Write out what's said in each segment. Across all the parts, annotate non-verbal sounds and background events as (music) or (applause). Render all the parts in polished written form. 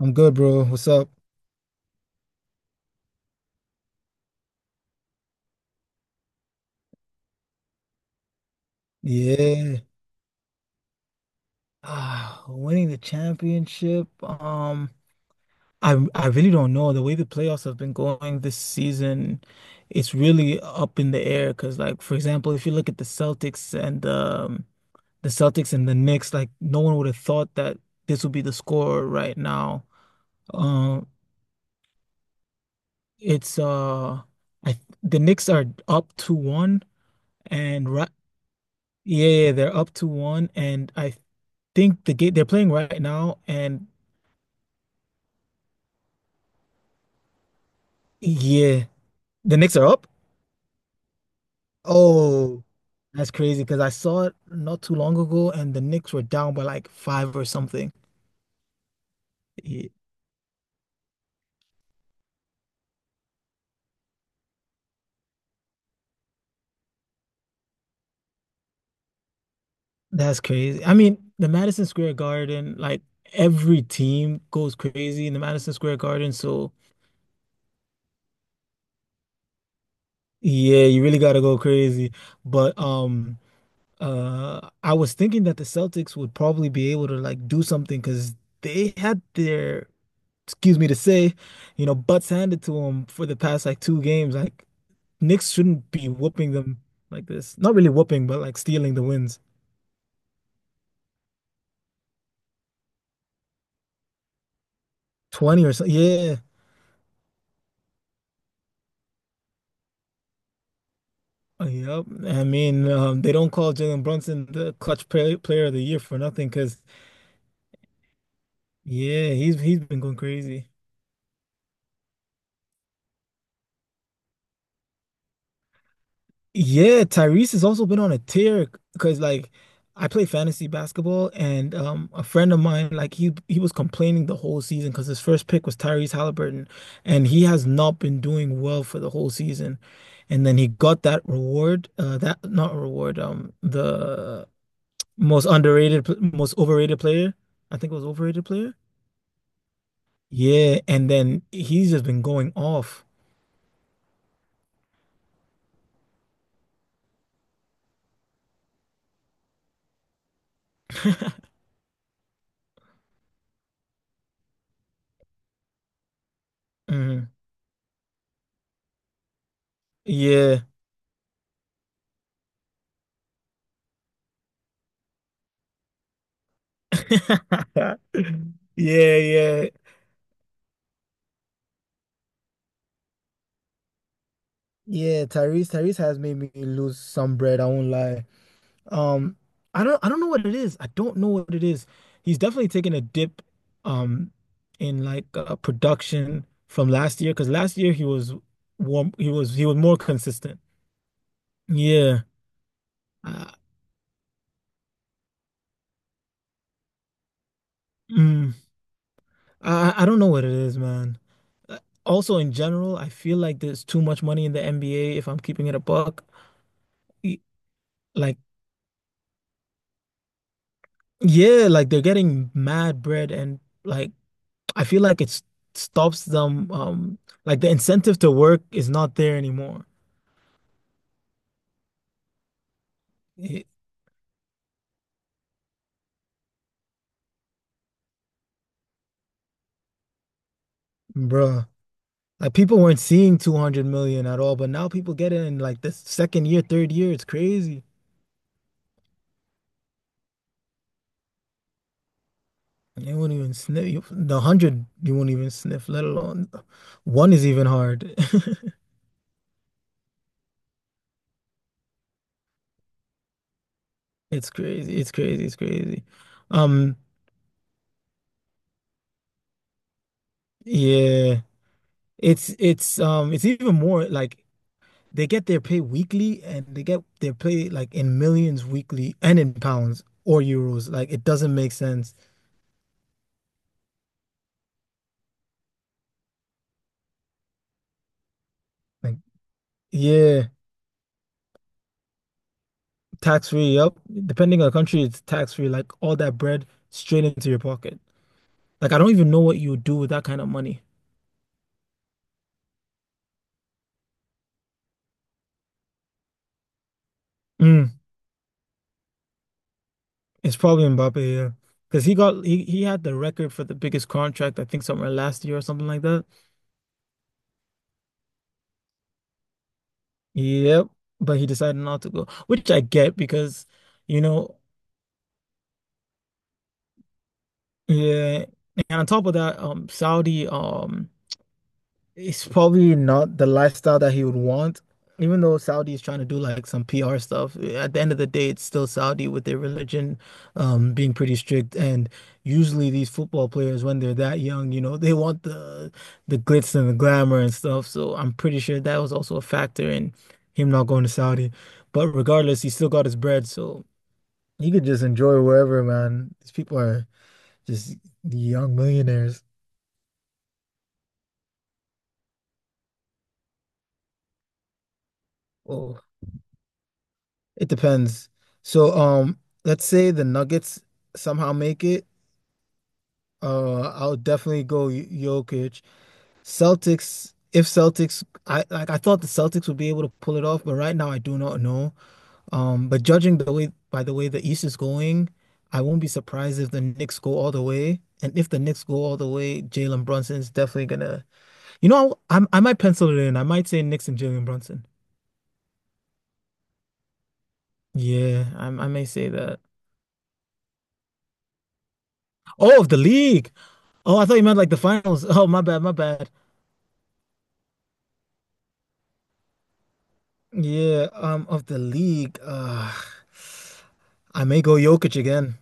I'm good, bro. What's up? Yeah. Ah, winning the championship. I really don't know. The way the playoffs have been going this season, it's really up in the air. Cause like, for example, if you look at the Celtics and the Celtics and the Knicks, like no one would have thought that this would be the score right now. Um, it's I the Knicks are up to one and right. Yeah, yeah, yeah, they're up to one, and I think the game they're playing right now, and yeah, the Knicks are up. Oh, that's crazy because I saw it not too long ago, and the Knicks were down by like five or something. Yeah, that's crazy. I mean, the Madison Square Garden, like every team goes crazy in the Madison Square Garden, so yeah, you really gotta go crazy. But I was thinking that the Celtics would probably be able to like do something because they had their excuse me to say, butts handed to them for the past like two games. Like Knicks shouldn't be whooping them like this. Not really whooping, but like stealing the wins. 20 or so. Yeah. Yep. I mean, they don't call Jalen Brunson the clutch play, player of the year for nothing because, yeah, he's been going crazy. Yeah, Tyrese has also been on a tear because like I play fantasy basketball and a friend of mine like he was complaining the whole season because his first pick was Tyrese Halliburton and he has not been doing well for the whole season. And then he got that reward that not reward the most underrated pl- most overrated player. I think it was overrated player. Yeah, and then he's just been going off. Mhm. Yeah. (laughs) Yeah, yeah. Yeah, Tyrese has made me lose some bread, I won't lie. Um, I don't know what it is. I don't know what it is. He's definitely taken a dip um in like production from last year because last year he was warm he was more consistent. Yeah. Uh, mm, I don't know what it is, man. Uh, Also in general, I feel like there's too much money in the NBA if I'm keeping it a buck. Y- Like yeah, like they're getting mad bread and like I feel like it s- stops them. Like the incentive to work is not there anymore. It, bruh. Like people weren't seeing 200 million at all, but now people get it in like the second year, third year. It's crazy. And they won't even sniff. You, the 100, you won't even sniff, let alone one is even hard. (laughs) It's crazy. It's crazy. It's crazy. Um, yeah. It's even more like they get their pay weekly and they get their pay like in millions weekly and in pounds or euros. Like it doesn't make sense. Like, yeah, tax free. Yep. Depending on the country, it's tax free. Like all that bread straight into your pocket. Like I don't even know what you would do with that kind of money. Mm, it's probably Mbappe, yeah. Because he had the record for the biggest contract, I think somewhere last year or something like that. Yep. But he decided not to go, which I get because, you know, yeah, and on top of that, Saudi, it's probably not the lifestyle that he would want. Even though Saudi is trying to do like some PR stuff, at the end of the day, it's still Saudi with their religion, being pretty strict. And usually, these football players, when they're that young, you know, (laughs) they want the glitz and the glamour and stuff. So I'm pretty sure that was also a factor in him not going to Saudi. But regardless, he still got his bread, so he could just enjoy wherever, man. These people are. Just young millionaires. Oh, it depends. So, let's say the Nuggets somehow make it. I'll definitely go Jokic. Celtics, if Celtics, I thought the Celtics would be able to pull it off, but right now I do not know. But judging the way by the way the East is going, I won't be surprised if the Knicks go all the way. And if the Knicks go all the way, Jalen Brunson is definitely gonna. You know, I might pencil it in. I might say Knicks and Jalen Brunson. Yeah, I may say that. Oh, of the league. Oh, I thought you meant like the finals. Oh, my bad, my bad. Yeah, of the league. I may go Jokic again.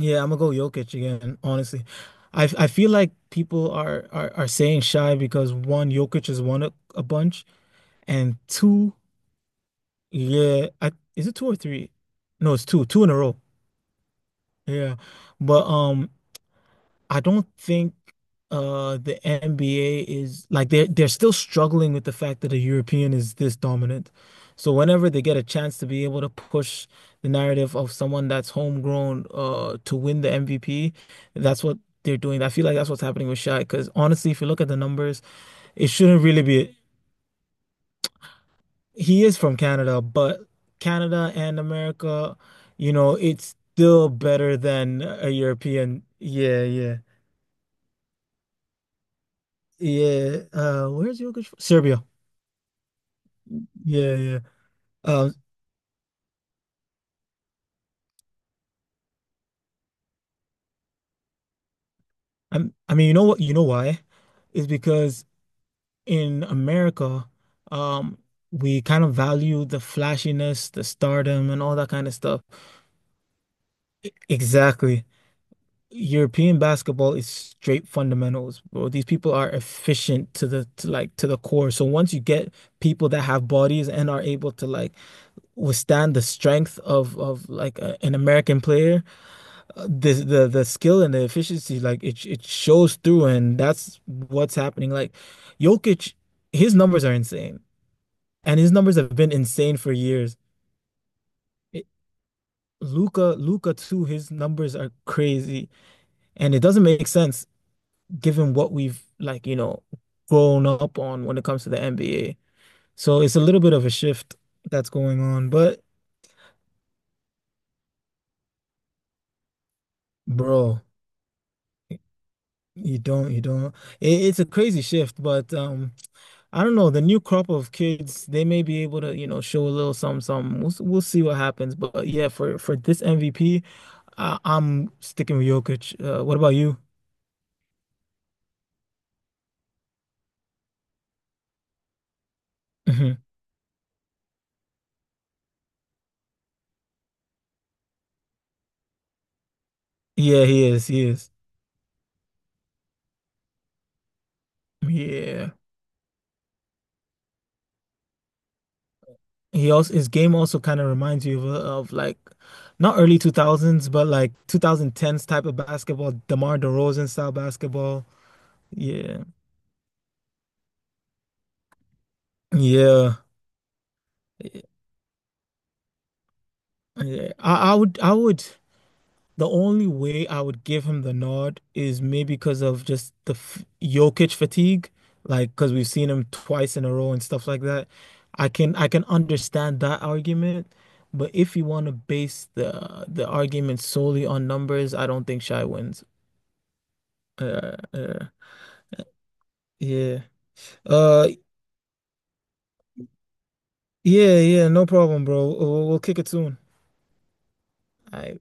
Yeah, I'm gonna go Jokic again, honestly. I feel like people are saying shy because one, Jokic has won a bunch, and two, yeah, is it two or three? No, it's two, two in a row. Yeah. But I don't think the NBA is like they're still struggling with the fact that a European is this dominant. So whenever they get a chance to be able to push the narrative of someone that's homegrown to win the MVP, that's what they're doing. I feel like that's what's happening with Shaq because honestly, if you look at the numbers, it shouldn't really be he is from Canada, but Canada and America, you know, it's still better than a European. Yeah, yeah. Yeah, where's Uruguay? From? Serbia. Yeah, yeah. Um, I mean, you know what? You know why? Is because in America, um, we kind of value the flashiness, the stardom, and all that kind of stuff. Exactly. European basketball is straight fundamentals, bro. These people are efficient to the core. So once you get people that have bodies and are able to like withstand the strength of like an American player. The skill and the efficiency like it shows through and that's what's happening like Jokic his numbers are insane and his numbers have been insane for years it, Luca too his numbers are crazy and it doesn't make sense given what we've like you know grown up on when it comes to the NBA so it's a little bit of a shift that's going on but bro you don't it's a crazy shift but I don't know, the new crop of kids, they may be able to, you know, show a little something, something. We'll see what happens. But yeah, for this MVP, am sticking with Jokic. What about you? Hmm. Yeah, he is. He is. Yeah. He also his game also kind of reminds you of like not early 2000s, but like 2010s type of basketball, DeMar DeRozan style basketball. Yeah. Yeah. Yeah. I would the only way I would give him the nod is maybe because of just the f Jokic fatigue, like because we've seen him twice in a row and stuff like that. I can understand that argument, but if you want to base the argument solely on numbers, I don't think Shy wins. Uh, uh, yeah. Uh, yeah, yeah. No problem, bro. We'll kick it soon. All right.